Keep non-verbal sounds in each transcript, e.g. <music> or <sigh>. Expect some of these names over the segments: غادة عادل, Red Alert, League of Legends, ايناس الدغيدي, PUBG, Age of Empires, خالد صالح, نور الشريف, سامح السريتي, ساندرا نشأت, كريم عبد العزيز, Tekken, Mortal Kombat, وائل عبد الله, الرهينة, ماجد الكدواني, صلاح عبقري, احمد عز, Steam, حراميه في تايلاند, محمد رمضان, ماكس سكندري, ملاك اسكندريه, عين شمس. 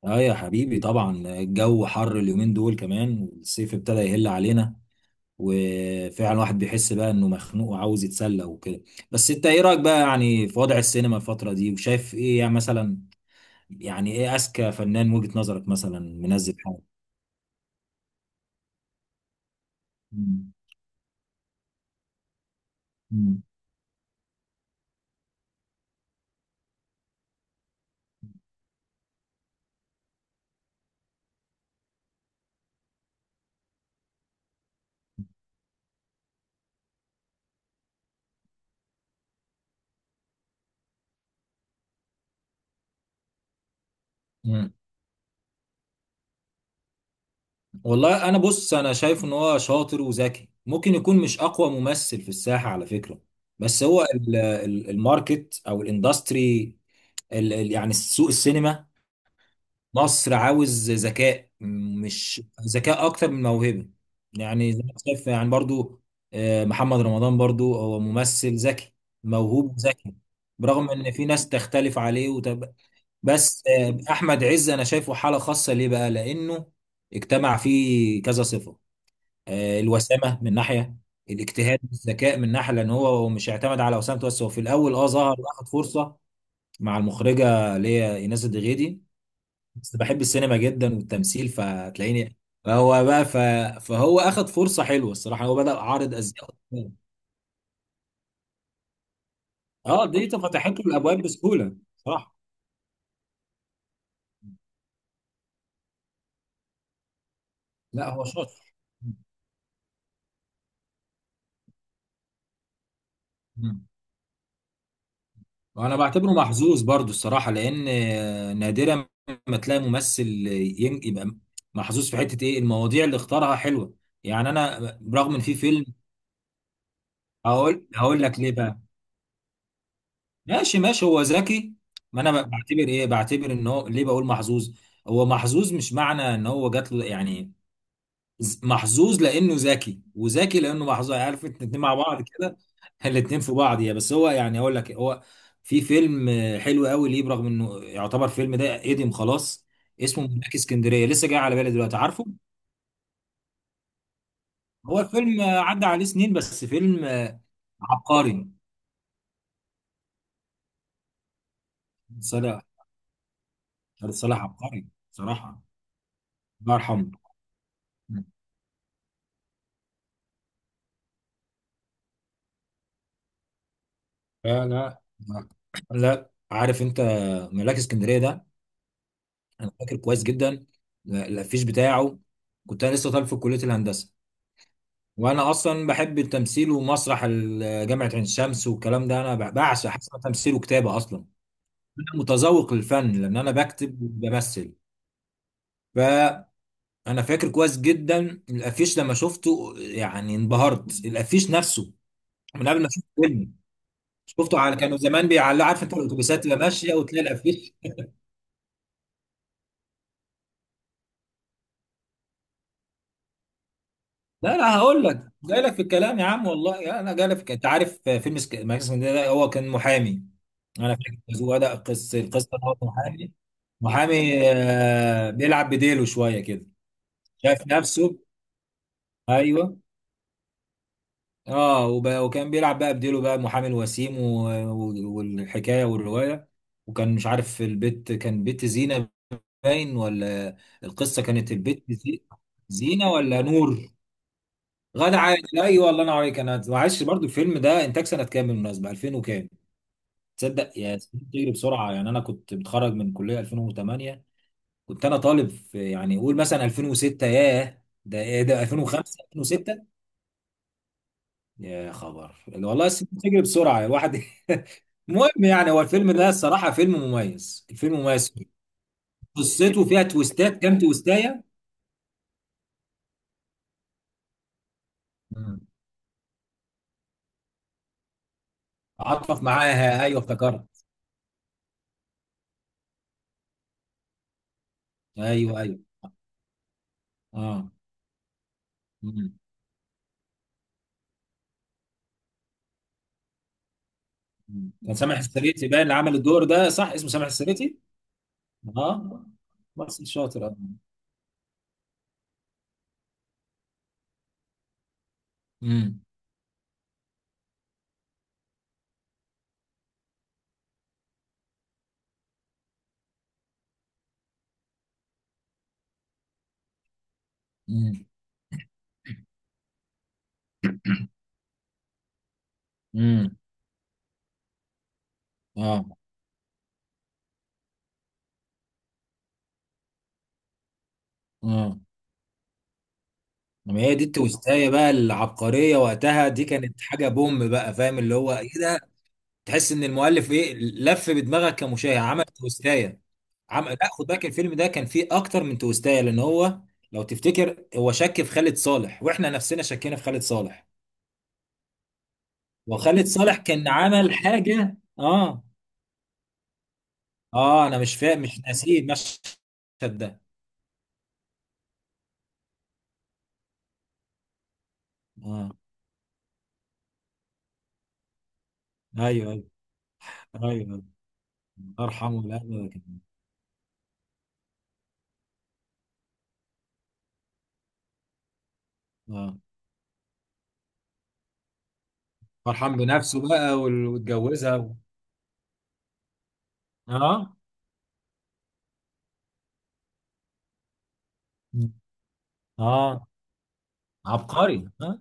اه يا حبيبي، طبعا الجو حر اليومين دول كمان والصيف ابتدى يهل علينا. وفعلا الواحد بيحس بقى انه مخنوق وعاوز يتسلى وكده. بس انت ايه رايك بقى يعني في وضع السينما الفتره دي؟ وشايف ايه يعني مثلا؟ يعني ايه اذكى فنان من وجهه نظرك مثلا منزل حاجه؟ مم. مم. مم. والله انا بص، انا شايف ان هو شاطر وذكي، ممكن يكون مش اقوى ممثل في الساحه على فكره، بس هو الماركت او الاندستري، يعني سوق السينما مصر عاوز ذكاء. مش ذكاء اكتر من موهبه. يعني زي ما شايف يعني برضو، محمد رمضان برضو هو ممثل ذكي، موهوب، ذكي. برغم ان في ناس تختلف عليه بس احمد عز انا شايفه حاله خاصه ليه بقى، لانه اجتمع فيه كذا صفه. الوسامه من ناحيه، الاجتهاد، الذكاء من ناحيه، لان هو مش اعتمد على وسامته بس. هو في الاول ظهر واخد فرصه مع المخرجه اللي هي ايناس الدغيدي. بس بحب السينما جدا والتمثيل فتلاقيني، فهو بقى ف... فهو اخد فرصه حلوه الصراحه. هو بدأ عارض ازياء قدامه. اه، دي فتحت له الابواب بسهوله صراحه. لا، هو شاطر. مم. وانا بعتبره محظوظ برضو الصراحه، لان نادرا ما تلاقي ممثل يبقى محظوظ في حته ايه. المواضيع اللي اختارها حلوه، يعني انا رغم ان في فيلم. هقول لك ليه بقى. ماشي ماشي، هو ذكي. ما انا بعتبر ان هو ليه بقول محظوظ. هو محظوظ، مش معنى ان هو جات له يعني، محظوظ لانه ذكي، وذكي لانه محظوظ. يعني عارف انت، الاتنين مع بعض كده. <laughs> الاتنين في بعض، يا، بس هو يعني اقول لك، هو في فيلم حلو قوي ليه، برغم انه يعتبر فيلم ده قديم خلاص، اسمه ملاك اسكندريه، لسه جاي على بالي دلوقتي، عارفه. هو فيلم عدى عليه سنين، بس فيلم عبقري. صلاح، صلاح عبقري صراحه، الله يرحمه. لا، لا، لا، عارف انت ملاك اسكندريه ده، انا فاكر كويس جدا الافيش بتاعه. كنت انا لسه طالب في كليه الهندسه، وانا اصلا بحب التمثيل ومسرح جامعه عين شمس والكلام ده. انا بعشق حاجه اسمها تمثيل وكتابه اصلا. انا متذوق للفن لان انا بكتب وبمثل. فانا فاكر كويس جدا الافيش لما شفته، يعني انبهرت، الافيش نفسه، من قبل ما اشوف فيلم. شفته على، كانوا زمان بيعلقوا، عارف انت الاتوبيسات اللي ماشيه وتلاقي الافيش. لا، لا، هقول لك جاي لك في الكلام يا عم، والله انا جاي لك في انت عارف فيلم ماكس سكندري ده، هو كان محامي. انا فاكر هو ده القصه إن هو كان محامي. محامي بيلعب بديله شويه كده، شايف نفسه. ايوه، اه، وكان بيلعب بقى بديله بقى محامي الوسيم والحكايه والروايه. وكان مش عارف البيت كان بيت زينه، باين ولا، القصه كانت البيت زينه ولا نور. غادة عادل، ايوه، الله ينور عليك، انا معلش. برضو الفيلم ده انتاج سنه كام بالمناسبه؟ 2000 وكام. تصدق يا سنين بتجري بسرعه، يعني انا كنت متخرج من كليه 2008. كنت انا طالب في، يعني قول مثلا، 2006. ياه، ده ايه ده؟ 2005، 2006. يا خبر، والله السنين بتجري بسرعه الواحد. <laughs> المهم يعني، هو الفيلم ده الصراحه فيلم مميز، الفيلم مميز. قصته فيها تويستات، كام تويستايه. مم. عاطف معاها، ايوه افتكرت. ايوه ايوه، اه. مم. كان سامح السريتي باين اللي عمل الدور ده، صح، اسمه سامح السريتي. اه، ممثل شاطر، اه. امم. امم. امم. اه، اه. ما هي دي التويستايه بقى العبقريه وقتها، دي كانت حاجه بوم بقى، فاهم اللي هو ايه ده؟ تحس ان المؤلف ايه، لف بدماغك كمشاهد، عمل تويستايه. لا، خد بالك الفيلم ده كان فيه اكتر من تويستايه، لان هو لو تفتكر هو شك في خالد صالح، واحنا نفسنا شكينا في خالد صالح، وخالد صالح كان عمل حاجه، اه. اه، انا مش فاهم، مش ناسيه المشهد ده، اه. ايوه ايوه ايوه. ارحمه، لا ده كان اه فرحان بنفسه بقى، واتجوزها. اه، اه، عبقري، اه.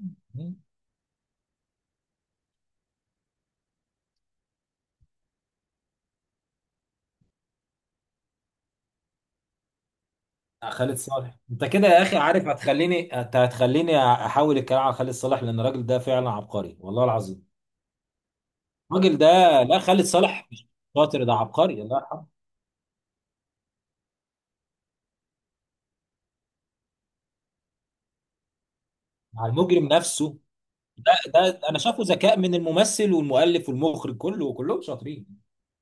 خالد صالح، انت كده يا اخي عارف، هتخليني، انت هتخليني احاول الكلام على خالد صالح، لان الراجل ده فعلا عبقري والله العظيم. الراجل ده، لا، خالد صالح مش شاطر، ده عبقري، الله يرحمه. مع المجرم نفسه. ده انا شايفه ذكاء من الممثل والمؤلف والمخرج كله، كلهم شاطرين.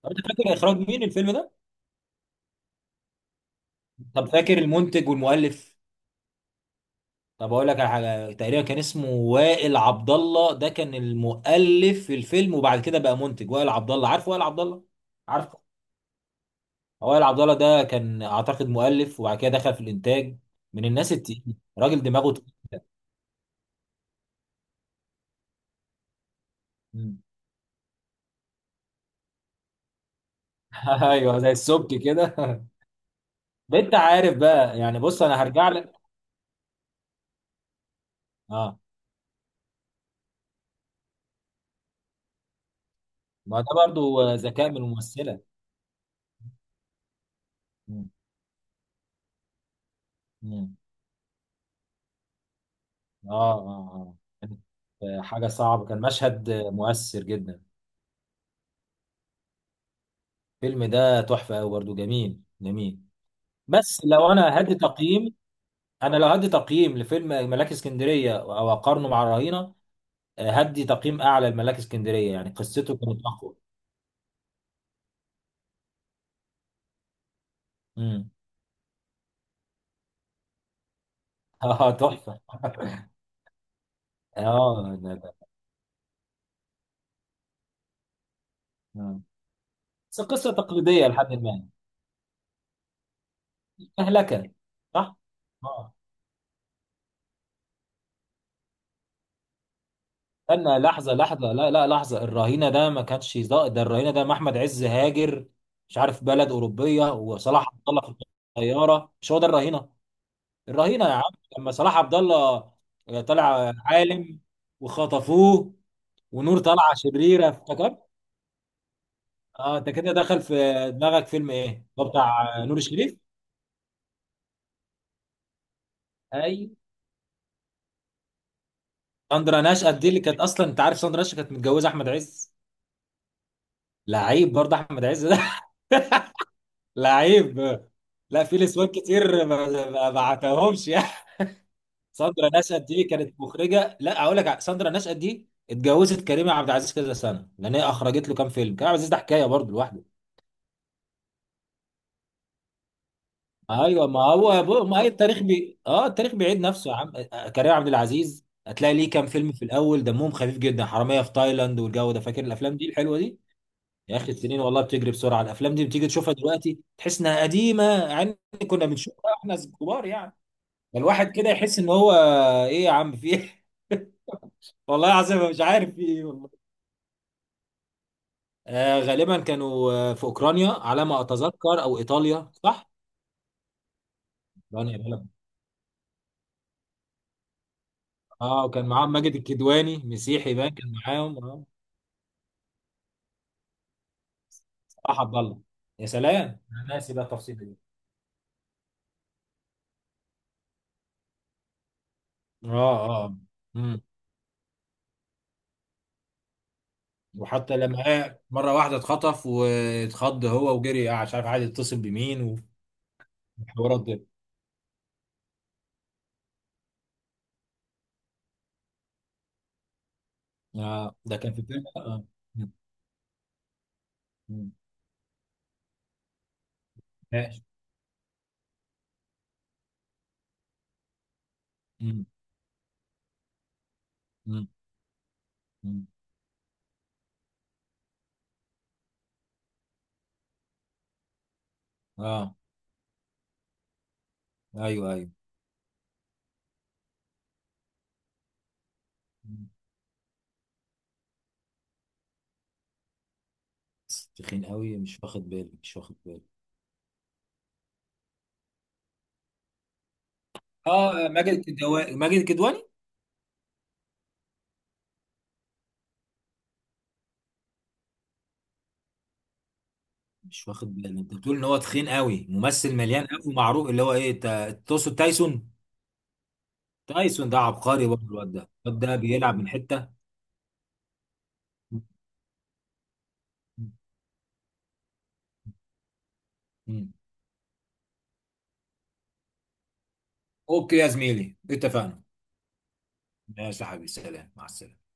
طب انت فاكر اخراج مين الفيلم ده؟ طب فاكر المنتج والمؤلف؟ طب اقول لك على حاجه، تقريبا كان اسمه وائل عبد الله. ده كان المؤلف في الفيلم وبعد كده بقى منتج. وائل عبد الله، عارف وائل عبد الله؟ عارف. وائل عبد الله ده كان اعتقد مؤلف، وبعد كده دخل في الانتاج. من الناس التقيله، راجل دماغه تقيل. مم. <laughs> ايوه زي السبك كده. <laughs> ده انت عارف بقى يعني، بص انا هرجع لك. اه، ما ده برضو ذكاء من الممثله. مم. مم. اه، اه، اه. كانت حاجة صعبة، كان مشهد مؤثر جدا. الفيلم ده تحفة أوي، برضه جميل جميل. بس لو أنا هدي تقييم، أنا لو هدي تقييم لفيلم ملاك اسكندرية أو أقارنه مع الرهينة، هدي تقييم أعلى لملاك اسكندرية، يعني قصته كانت أقوى. امم. اه، تحفة. <laughs> اه، ده. آه. بس قصة تقليدية لحد ما، مهلكة، صح؟ آه. استنى لحظة لحظة، لا لا، لحظة، الرهينة ده ما كانش ده الرهينة، ده محمد عز هاجر، مش عارف بلد أوروبية، وصلاح عبد الله في الطيارة، مش هو ده الرهينة؟ الرهينة يا عم، لما صلاح عبد الله طلع عالم وخطفوه، ونور طالعة شريرة، افتكرت؟ اه، انت كده دخل في دماغك فيلم ايه؟ هو بتاع نور الشريف؟ اي. ساندرا نشأت دي اللي كانت اصلا، انت عارف ساندرا نشأت كانت متجوزة احمد عز. لعيب برضه احمد عز ده. <laughs> لعيب. لا، في نسوان كتير ما بعتهمش يعني. <laughs> ساندرا نشأت دي كانت مخرجه، لا اقول لك، ساندرا نشأت دي اتجوزت كريم عبد العزيز كذا سنه، لان هي اخرجت له كام فيلم، كريم عبد العزيز ده حكايه برضه لوحده. ايوه، ما هو ما هي، التاريخ بي اه التاريخ بيعيد نفسه يا عم. كريم عبد العزيز هتلاقي ليه كام فيلم في الاول دمهم خفيف جدا، حراميه في تايلاند والجو ده، فاكر الافلام دي الحلوه دي. يا اخي السنين والله بتجري بسرعه، الافلام دي بتيجي تشوفها دلوقتي تحس انها قديمه يعني، كنا بنشوفها احنا كبار يعني. الواحد كده يحس ان هو، ايه يا عم في ايه؟ <laughs> والله العظيم أنا مش عارف في ايه والله. آه، غالبا كانوا في اوكرانيا على ما اتذكر، او ايطاليا، صح، اوكرانيا بلد. اه، وكان معاهم ماجد الكدواني مسيحي بقى، كان معاهم، اه. صح، عبد الله. يا سلام، انا ناسي بقى التفصيله دي. اه، اه. امم. وحتى لما مره واحده اتخطف واتخض هو وجري، مش عارف عايز يتصل بمين، والحوارات دي. اه، ده كان في فيلم، اه. مم. مم. ماشي. مم. مم. مم. اه، ايوه، ايوه. بس تخين قوي، مش واخد بالي، مش واخد بالي. اه، ماجد الكدواني، ماجد الكدواني، مش واخد بالي. انت بتقول ان هو تخين قوي، ممثل مليان قوي ومعروف اللي هو ايه، تقصد تايسون؟ تايسون ده عبقري برضه، الواد ده، الواد ده بيلعب من حته. مم. اوكي يا زميلي، اتفقنا. ماشي يا حبيبي، سلام، مع السلامه.